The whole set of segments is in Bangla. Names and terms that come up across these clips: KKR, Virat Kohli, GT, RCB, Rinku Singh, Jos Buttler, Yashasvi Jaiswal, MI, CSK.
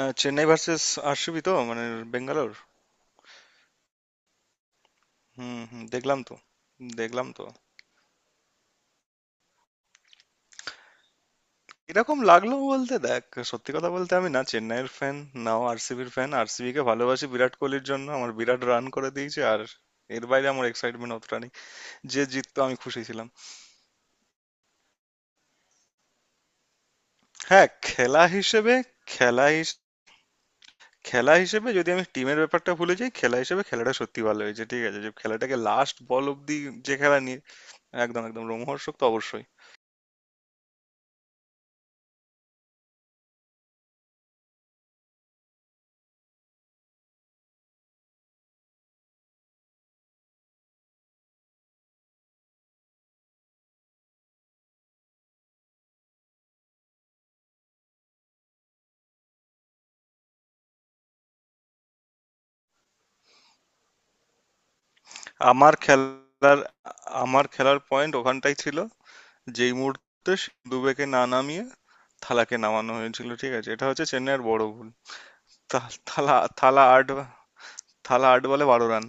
চেন্নাই ভার্সেস আরসিবি, তো মানে বেঙ্গালোর। হুম, হুম, দেখলাম তো, দেখলাম তো। এরকম লাগলো বলতে, দেখ, সত্যি কথা বলতে আমি না চেন্নাইয়ের ফ্যান, নাও আরসিবির ফ্যান। আরসিবি কে ভালোবাসি বিরাট কোহলির জন্য, আমার বিরাট রান করে দিয়েছে, আর এর বাইরে আমার এক্সাইটমেন্ট অতটা নেই। যে জিততো আমি খুশি ছিলাম। হ্যাঁ, খেলা হিসেবে, খেলা হিস- খেলা হিসেবে যদি আমি টিমের ব্যাপারটা ভুলে যাই, খেলা হিসেবে খেলাটা সত্যি ভালো হয়েছে, ঠিক আছে? যে খেলাটাকে লাস্ট বল অব্দি, যে খেলা নিয়ে, একদম একদম রোমহর্ষক তো অবশ্যই। আমার খেলার আমার খেলার পয়েন্ট ওখানটাই ছিল। যেই মুহূর্তে দুবেকে না নামিয়ে থালাকে নামানো হয়েছিল, ঠিক আছে? এটা হচ্ছে চেন্নাইয়ের বড় ভুল। থা- থালা থালা আট, থালা 8 বলে 12 রান।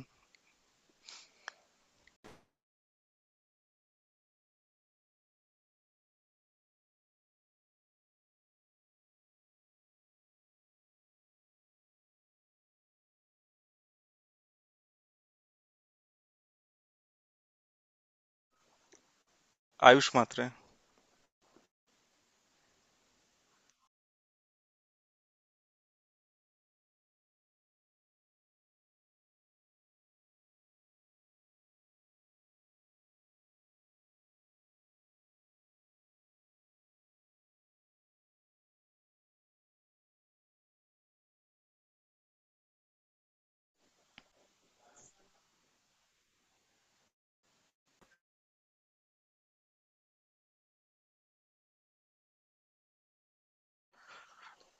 আয়ুষ মাত্রে।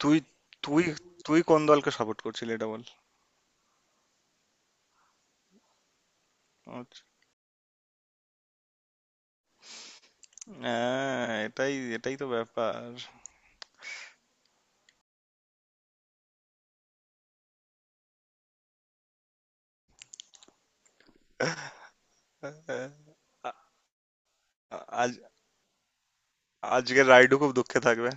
তুই তুই তুই কোন দলকে সাপোর্ট করছিলি এটা বল? আচ্ছা। হ্যাঁ, এটাই এটাই তো ব্যাপার। আ- আজ আজকের রাইডু খুব দুঃখে থাকবে।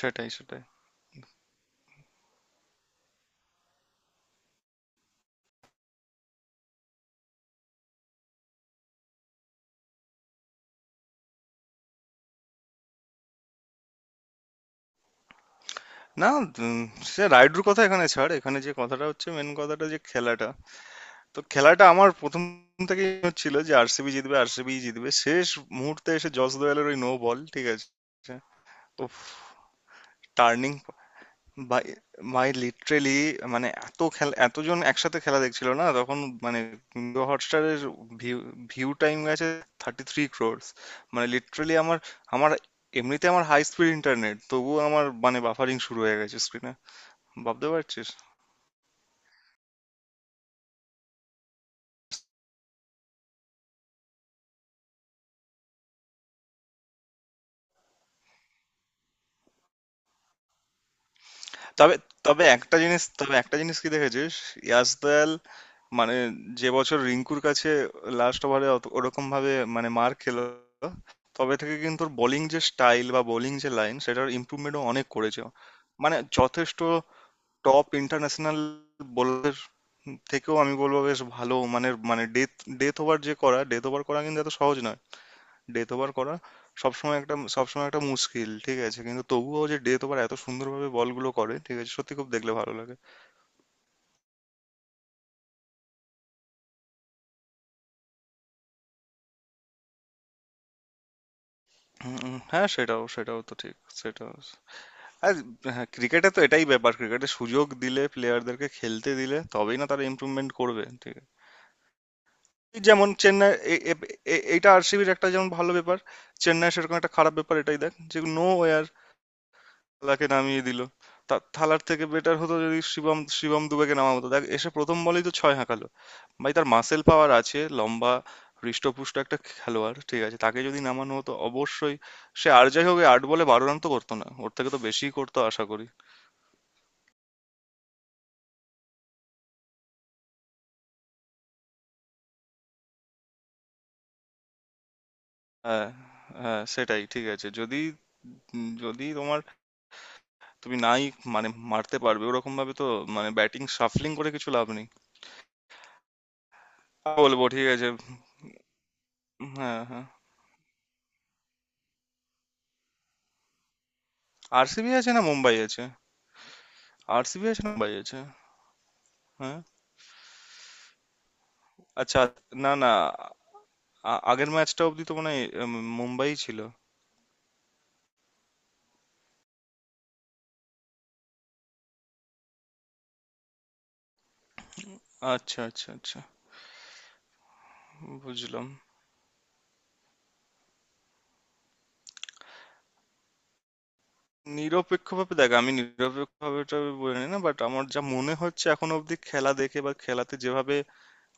সেটাই সেটাই। না, উম, সে রাইডুর কথা এখানে ছাড়, এখানে যে কথাটা হচ্ছে মেন কথাটা, যে খেলাটা, তো খেলাটা আমার প্রথম থেকেই ছিল যে আরসিবি জিতবে, আরসিবি জিতবে। শেষ মুহূর্তে এসে জস দোয়েলের ওই নো বল, ঠিক আছে? উফ, টার্নিং বাই মাই, লিটারেলি, মানে এত খেলা এতজন একসাথে খেলা দেখছিল না তখন। মানে হটস্টারের ভিউ ভিউ টাইম গেছে 33 কোটি। মানে লিটারেলি আমার আমার এমনিতে আমার হাই স্পিড ইন্টারনেট, তবুও আমার, মানে বাফারিং শুরু হয়ে গেছে স্ক্রিনে। ভাবতে পারছিস? তবে, তবে একটা জিনিস কি দেখেছিস, ইয়াসদয়াল, মানে, যে বছর রিঙ্কুর কাছে লাস্ট ওভারে ওরকম ভাবে মানে মার খেলো, তবে থেকে কিন্তু ওর বোলিং যে স্টাইল, বা বোলিং যে লাইন, সেটার ইমপ্রুভমেন্টও অনেক করেছে। মানে যথেষ্ট টপ ইন্টারন্যাশনাল বোলার থেকেও আমি বলবো বেশ ভালো, মানে, মানে ডেথ, ডেথ ওভার যে করা ডেথ ওভার করা কিন্তু এত সহজ না। ডেথ ওভার করা সবসময় একটা মুশকিল, ঠিক আছে? কিন্তু তবুও যে ডেথ ওভার এত সুন্দরভাবে বলগুলো করে, ঠিক আছে, সত্যি খুব দেখলে ভালো লাগে। হুম, হুম, হ্যাঁ সেটাও সেটাও তো ঠিক। সেটাও, আর হ্যাঁ, ক্রিকেটে তো এটাই ব্যাপার, ক্রিকেটে সুযোগ দিলে, প্লেয়ারদেরকে খেলতে দিলে তবেই না তারা ইমপ্রুভমেন্ট করবে, ঠিক আছে? এই যেমন চেন্নাই, এইটা আরসিবির একটা যেমন ভালো ব্যাপার, চেন্নাই সেরকম একটা খারাপ ব্যাপার এটাই দেখ যে নো ওয়ার থালাকে নামিয়ে দিল। তা থালার থেকে বেটার হতো যদি শিবম, দুবেকে নামা হতো। দেখ এসে প্রথম বলেই তো ছয় হাঁকালো, ভাই তার মাসেল পাওয়ার আছে, লম্বা হৃষ্টপুষ্ট একটা খেলোয়াড়, ঠিক আছে? তাকে যদি নামানো হতো, অবশ্যই সে আর যাই হোক এই 8 বলে 12 রান তো করতো না, ওর থেকে তো বেশিই করতো আশা করি। হ্যাঁ, হ্যাঁ, সেটাই, ঠিক আছে যদি, যদি তোমার, তুমি নাই মানে মারতে পারবে ওরকম ভাবে, তো মানে ব্যাটিং শাফলিং করে কিছু লাভ নেই। আর বলবো, ঠিক আছে? হ্যাঁ, হ্যাঁ। আরসিবি আছে না মুম্বাই আছে, আরসিবি আছে না মুম্বাই আছে। হ্যাঁ? আচ্ছা। না, না, আগের ম্যাচটা অবধি তো মনে হয় মুম্বাই ছিল। আচ্ছা, আচ্ছা, আচ্ছা। বুঝলাম। নিরপেক্ষভাবে, দেখ, আমি নিরপেক্ষভাবে এটা বলে নিই না, বাট আমার যা মনে হচ্ছে এখন অবধি খেলা দেখে, বা খেলাতে যেভাবে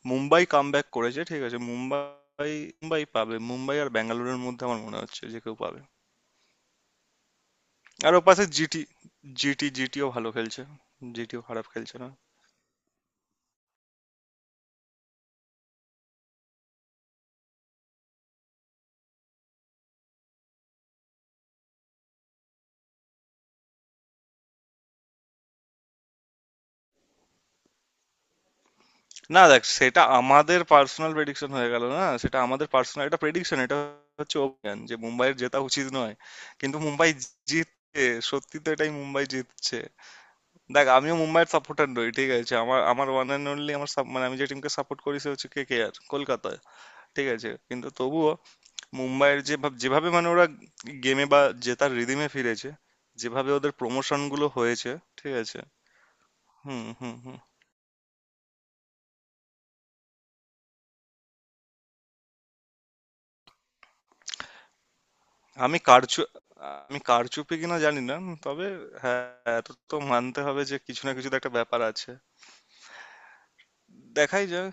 মুম্বাই কামব্যাক করেছে, ঠিক আছে? মুম্বাই, মুম্বাই পাবে আর ব্যাঙ্গালোরের মধ্যে আমার মনে হচ্ছে যে কেউ পাবে। আর ওপাশে জিটি, জিটিও ভালো খেলছে, জিটিও খারাপ খেলছে না। না, দেখ, সেটা আমাদের পার্সোনাল প্রেডিকশন হয়ে গেল, না সেটা আমাদের পার্সোনাল একটা প্রেডিকশন। এটা হচ্ছে অভিযান যে মুম্বাইয়ের জেতা উচিত নয়, কিন্তু মুম্বাই জিতছে, সত্যি তো এটাই, মুম্বাই জিতছে। দেখ আমিও মুম্বাইয়ের সাপোর্টার নই, ঠিক আছে? আমার, আমার ওয়ান অ্যান্ড অনলি sup-, মানে আমি যে টিমকে সাপোর্ট করি সে হচ্ছে কে কে আর, কলকাতায়। ঠিক আছে? কিন্তু তবুও মুম্বাইয়ের যে যেভাবে মানে ওরা গেমে, বা জেতার রিদিমে ফিরেছে, যেভাবে ওদের প্রমোশন গুলো হয়েছে, ঠিক আছে। হুম, হুম, হুম। আমি কারচু আমি কারচুপি কিনা জানি না, তবে, হ্যাঁ, এত তো মানতে হবে যে কিছু না কিছু তো একটা ব্যাপার আছে। দেখাই যাক।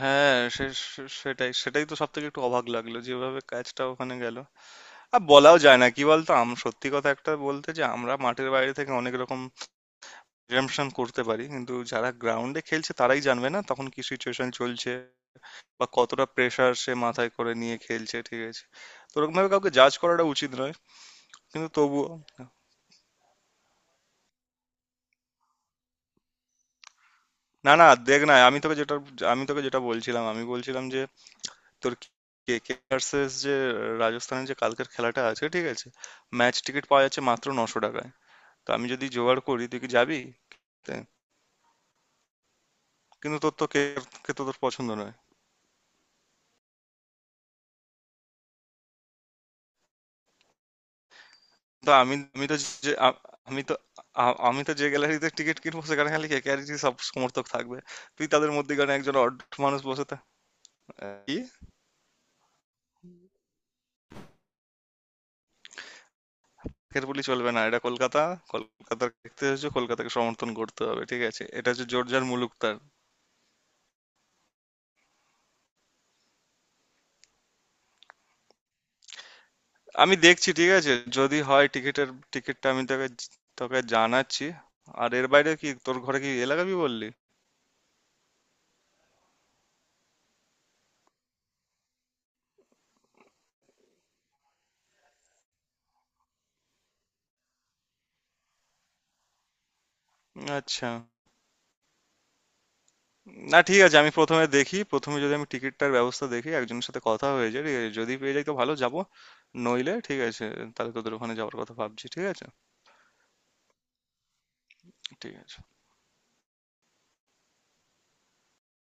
হ্যাঁ, সে, সেটাই সেটাই তো সব থেকে একটু অবাক লাগলো যেভাবে কাজটা ওখানে গেল। আর বলাও যায় না কি বলতো, সত্যি কথা একটা বলতে, যে আমরা মাঠের বাইরে থেকে অনেক রকম প্রিজাম্পশন করতে পারি, কিন্তু যারা গ্রাউন্ডে খেলছে তারাই জানবে না তখন কি সিচুয়েশন চলছে, বা কতটা প্রেসার সে মাথায় করে নিয়ে খেলছে, ঠিক আছে? তো ওরকম ভাবে কাউকে জাজ করাটা উচিত নয়, কিন্তু তবুও। না, না, দেখ না, আমি তোকে যেটা বলছিলাম, আমি বলছিলাম যে তোর, কে কে ভার্সেস যে রাজস্থানের যে কালকের খেলাটা আছে, ঠিক আছে? ম্যাচ টিকিট পাওয়া যাচ্ছে মাত্র 900 টাকায়। তো আমি যদি জোগাড় করি, তুই কি যাবি তে? কিন্তু তোর তো কে কে তো তোর পছন্দ নয়। তো আমি আমি তো যে আ- আমি তো আ- আমি তো যে গ্যালারিতে টিকিট কিনবো সেখানে খালি কে কে আর সব সমর্থক থাকবে। তুই তাদের মধ্যে মধ্যেখানে একজন অড মানুষ বসে থাক। কি, এর বলি চলবে না, এটা কলকাতা, কলকাতা দেখতে হয়েছে কলকাতাকে সমর্থন করতে হবে, ঠিক আছে? এটা হচ্ছে জোরজার মুলুকতার। আমি দেখছি, ঠিক আছে? যদি হয় টিকিটের, টিকিটটা আমি তোকে, জানাচ্ছি। আর এর বাইরে কি তোর ঘরে কি এলাকাবি বললি? আচ্ছা। না, ঠিক আছে, আমি প্রথমে দেখি, প্রথমে যদি আমি টিকিটটার ব্যবস্থা দেখি, একজনের সাথে কথা হয়ে যায়, ঠিক আছে? যদি পেয়ে যাই তো ভালো যাবো, নইলে ঠিক আছে, তাহলে তোদের ওখানে যাওয়ার কথা ভাবছি, ঠিক আছে। ঠিক আছে।